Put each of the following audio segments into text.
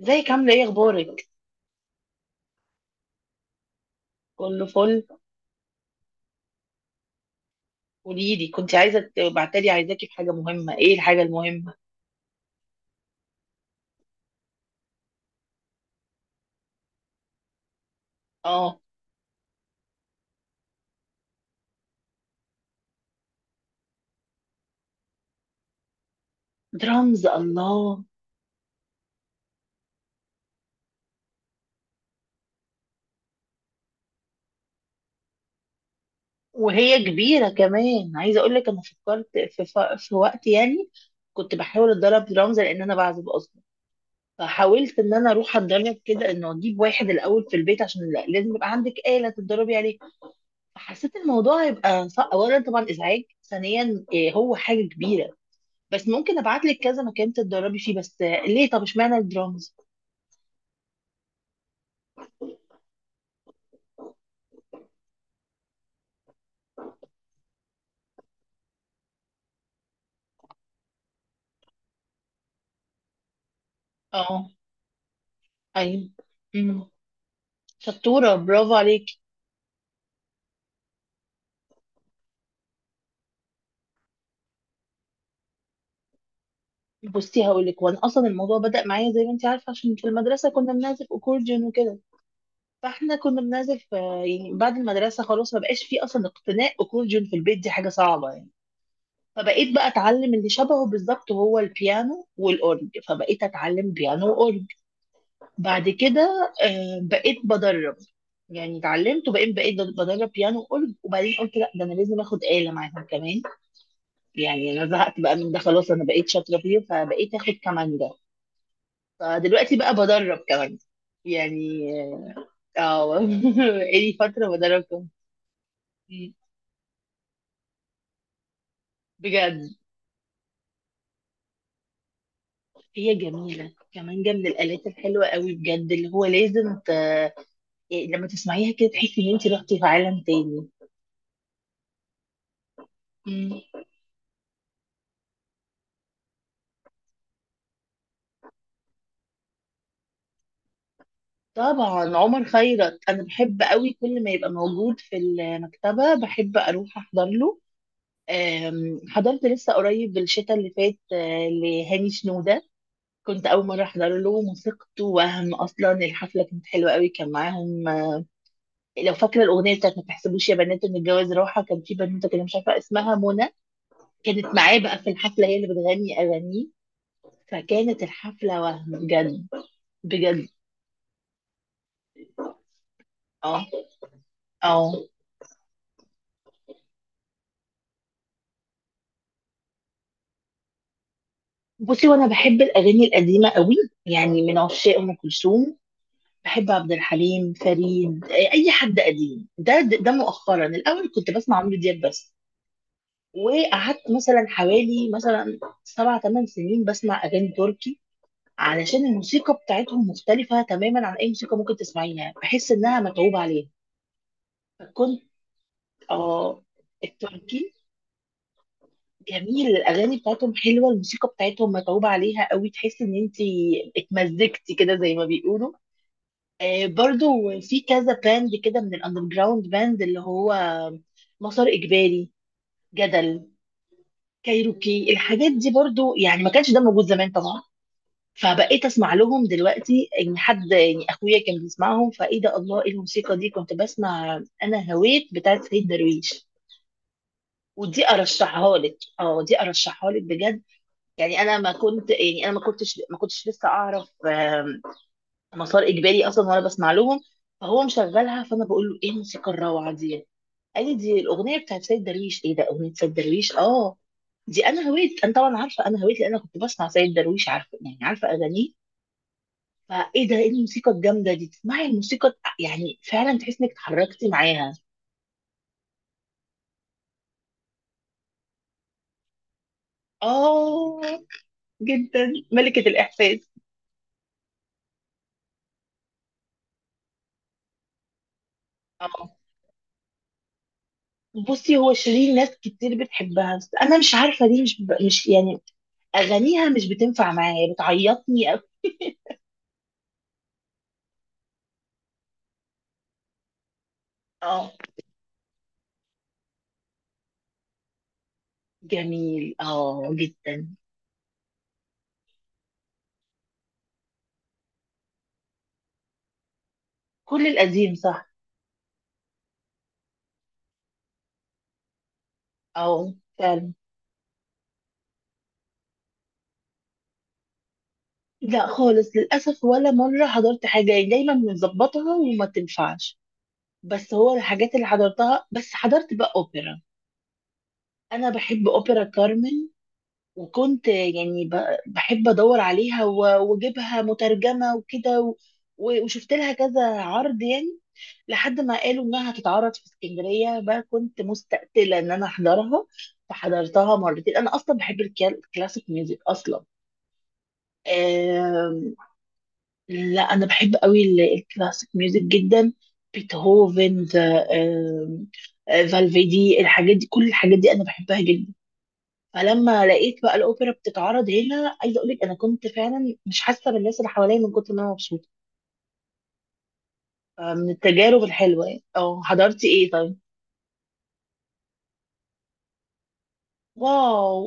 ازيك عاملة ايه اخبارك؟ كله فل. قوليلي، كنت عايزة تبعتلي، عايزاكي في حاجة مهمة. ايه الحاجة المهمة؟ اه، درامز. الله. وهي كبيرة كمان. عايزة اقولك انا فكرت في وقت يعني كنت بحاول اتدرب درامز لان انا بعزف اصلا. فحاولت ان انا اروح اتدرب كده انه اجيب واحد الاول في البيت عشان لازم يبقى عندك آلة تتدربي عليها. فحسيت الموضوع هيبقى صعب. اولا طبعا ازعاج، ثانيا إيه هو حاجة كبيرة. بس ممكن ابعت لك كذا مكان تتدربي فيه. بس ليه؟ طب اشمعنى الدرامز؟ اه. ايوه. امم شطوره، برافو عليك. بصي، هقول لك. وانا اصلا الموضوع بدا معايا زي ما انت عارفه عشان في المدرسه كنا بنعزف اكورديون وكده. فاحنا كنا بنعزف. يعني بعد المدرسه خلاص ما بقاش في اصلا اقتناء اكورديون في البيت، دي حاجه صعبه يعني. فبقيت بقى اتعلم اللي شبهه بالظبط، هو البيانو والاورج. فبقيت اتعلم بيانو واورج. بعد كده بقيت بدرب. يعني اتعلمت وبقيت بدرب بيانو وأورج، وبعدين قلت لا، ده انا لازم اخد آلة معاهم كمان. يعني انا زهقت بقى من ده خلاص، انا بقيت شاطرة فيه، فبقيت اخد كمانجة. فدلوقتي بقى بدرب كمان يعني. اه. بقالي فترة بدرب كمان. بجد. هي جميلة، كمانجة من الآلات الحلوة قوي بجد، اللي هو لازم يعني لما تسمعيها كده تحسي ان انت رحتي في عالم تاني. طبعا، عمر خيرت انا بحب قوي. كل ما يبقى موجود في المكتبه بحب اروح احضر له. حضرت لسه قريب الشتاء اللي فات، لهاني شنوده. كنت اول مره احضر له موسيقته، وهم اصلا الحفله كانت حلوه قوي، كان معاهم لو فاكره الاغنيه بتاعت ما تحسبوش يا بنات ان الجواز راحه، كان في بنوته كده مش عارفه اسمها منى. كانت معاه بقى في الحفله، هي اللي بتغني اغانيه. فكانت الحفله وهم بجد. بجد. اه، اه. بصي، وانا بحب الاغاني القديمه قوي. يعني من عشاق ام كلثوم. بحب عبد الحليم، فريد، اي حد قديم. ده مؤخرا، الاول كنت بسمع عمرو دياب بس. وقعدت مثلا حوالي مثلا سبع ثمان سنين بسمع اغاني تركي، علشان الموسيقى بتاعتهم مختلفه تماما عن اي موسيقى ممكن تسمعيها، بحس انها متعوب عليها. فكنت. اه، التركي جميل. الاغاني بتاعتهم حلوه، الموسيقى بتاعتهم متعوب عليها قوي، تحس ان انت اتمزجتي كده زي ما بيقولوا. برضو في كذا باند كده من الاندر جراوند باند، اللي هو مسار اجباري، جدل، كايروكي. الحاجات دي برضو، يعني ما كانش ده موجود زمان طبعا. فبقيت اسمع لهم دلوقتي. ان حد يعني اخويا كان بيسمعهم، فايه ده، الله، ايه الموسيقى دي. كنت بسمع انا هويت بتاعت سيد درويش. ودي ارشحها لك. اه، دي ارشحها لك بجد. يعني انا ما كنت، يعني انا ما كنتش لسه اعرف مسار اجباري اصلا وانا بسمع لهم. فهو مشغلها، فانا بقول له: ايه الموسيقى الروعه دي؟ قال لي دي الاغنيه بتاعت سيد درويش. ايه ده، اغنيه سيد درويش؟ اه. دي انا هويت، انا طبعا عارفه، انا هويت لان انا كنت بسمع سيد درويش، عارفه يعني، عارفه اغانيه. فايه ده، ايه الموسيقى الجامده دي. تسمعي الموسيقى يعني فعلا تحس انك اتحركتي معاها. اه، جدا ملكه الاحساس. اه، بصي، هو شيرين ناس كتير بتحبها بس انا مش عارفه ليه. مش يعني اغانيها مش بتنفع معايا، بتعيطني أوي. اه، جميل. اه، جدا. كل القديم، صح. اه، فعلا. لا خالص، للأسف ولا مرة حضرت حاجة يعني، دايما بنظبطها وما تنفعش. بس هو الحاجات اللي حضرتها، بس حضرت بقى أوبرا. أنا بحب أوبرا كارمن. وكنت يعني بحب أدور عليها و- وأجيبها مترجمة وكده و- و- وشفت لها كذا عرض يعني. لحد ما قالوا انها هتتعرض في اسكندريه بقى، كنت مستقتله ان انا احضرها. فحضرتها مرتين. انا اصلا بحب الكلاسيك ميوزك اصلا. آم، لا انا بحب قوي الكلاسيك ميوزك جدا. بيتهوفن فالفيدي الحاجات دي، كل الحاجات دي انا بحبها جدا. فلما لقيت بقى الاوبرا بتتعرض هنا، عايزه اقول لك انا كنت فعلا مش حاسه بالناس اللي حواليا من كتر ما انا مبسوطه. من التجارب الحلوه يعني. اه، حضرتي ايه طيب؟ واو.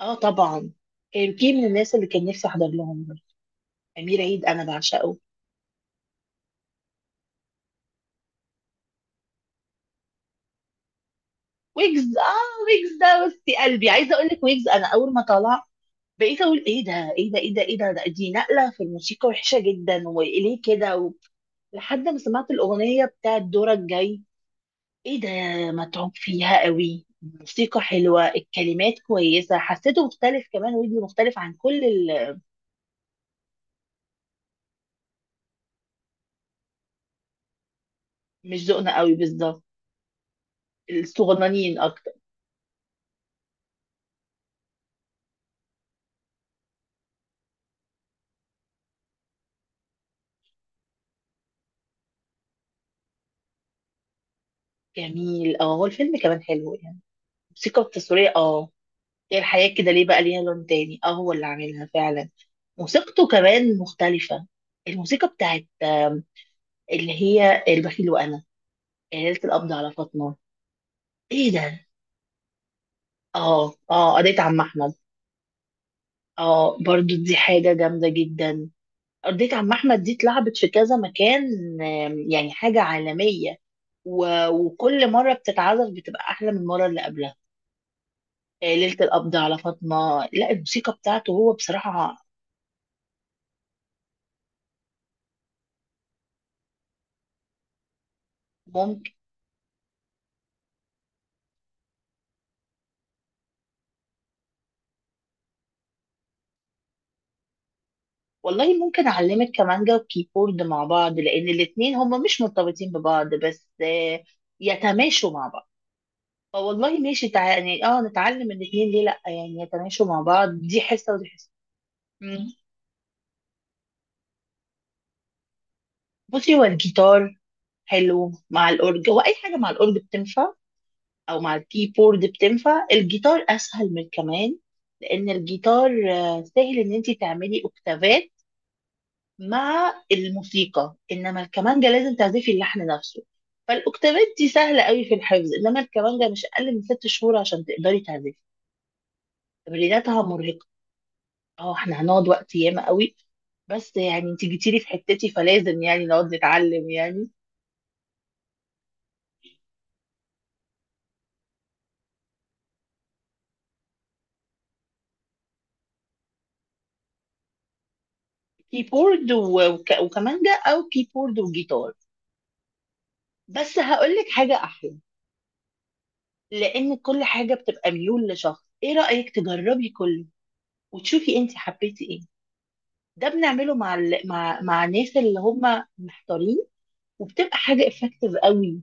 اه، طبعا. من الناس اللي كان نفسي احضر لهم. امير عيد انا بعشقه. ويجز. اه، ويجز ده وسط قلبي، عايزه اقول لك ويجز انا اول ما طلع بقيت اقول: ايه ده، ايه ده، ايه ده، ايه ده، ده دي نقله في الموسيقى وحشه جدا، وليه كده لحد ما سمعت الاغنيه بتاعت دورك جاي، ايه ده. متعوب فيها قوي، الموسيقى حلوه، الكلمات كويسه، حسيته مختلف، كمان ويجز مختلف عن كل مش ذوقنا قوي بالظبط. الصغنانين اكتر. جميل. اه، هو الفيلم كمان حلو يعني. الموسيقى التصويرية، اه. هي الحياة كده ليه بقى ليها لون تاني. اه، هو اللي عاملها فعلا. موسيقته كمان مختلفة. الموسيقى بتاعت اللي هي البخيل وأنا، ليلة القبض على فاطمة. ايه ده. اه، اه، قضية عم أحمد. اه، برضو دي حاجة جامدة جدا. قضية عم أحمد دي اتلعبت في كذا مكان، يعني حاجة عالمية. و... وكل مرة بتتعزف بتبقى أحلى من المرة اللي قبلها. ليلة القبض على فاطمة، لا الموسيقى بتاعته هو بصراحة. والله ممكن أعلمك كمانجا وكيبورد مع بعض، لأن الاتنين هما مش مرتبطين ببعض بس يتماشوا مع بعض. فوالله ماشي يعني اه نتعلم الاتنين ليه لأ يعني. يتماشوا مع بعض، دي حصة ودي حصة. مم. بصي، هو الجيتار حلو مع الأورج، هو أي حاجة مع الأورج بتنفع، أو مع الكيبورد بتنفع. الجيتار أسهل من كمان، لأن الجيتار سهل إن أنت تعملي أوكتافات مع الموسيقى. انما الكمانجة لازم تعزفي اللحن نفسه. فالاوكتافات دي سهلة قوي في الحفظ، انما الكمانجة مش اقل من 6 شهور عشان تقدري تعزفي. تمريناتها مرهقة. اه، احنا هنقعد وقت ياما قوي. بس يعني انت جيتيلي في حتتي، فلازم يعني نقعد نتعلم يعني. كيبورد و- وك- وكمانجة او كيبورد وجيتار. بس هقول لك حاجة احلى. لان كل حاجة بتبقى ميول لشخص، ايه رأيك تجربي كله وتشوفي انت حبيتي ايه. ده بنعمله مع مع الناس اللي هم محتارين، وبتبقى حاجه افكتيف قوي.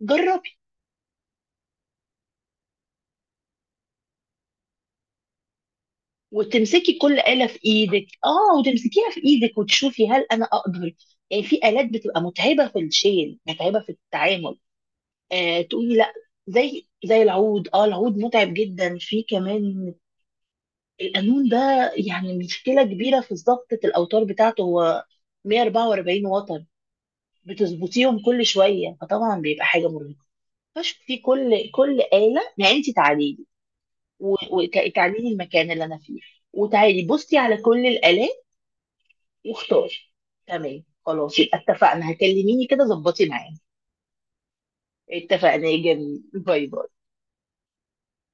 جربي وتمسكي كل آلة في ايدك، اه، وتمسكيها في ايدك وتشوفي هل انا اقدر. يعني في آلات بتبقى متعبه في الشيل، متعبه في التعامل، آه، تقولي لا. زي العود. اه، العود متعب جدا. في كمان القانون ده، يعني مشكله كبيره في ضبطه. الاوتار بتاعته هو 144 وتر، بتظبطيهم كل شويه، فطبعا بيبقى حاجه مرهقه. فشوف في كل آلة، ما انت تعالي لي وتعالي لي المكان اللي انا فيه، وتعالي بصي على كل الآلات واختاري. تمام، خلاص، يبقى اتفقنا. هكلميني كده ظبطي معايا. اتفقنا يا جميل، باي باي.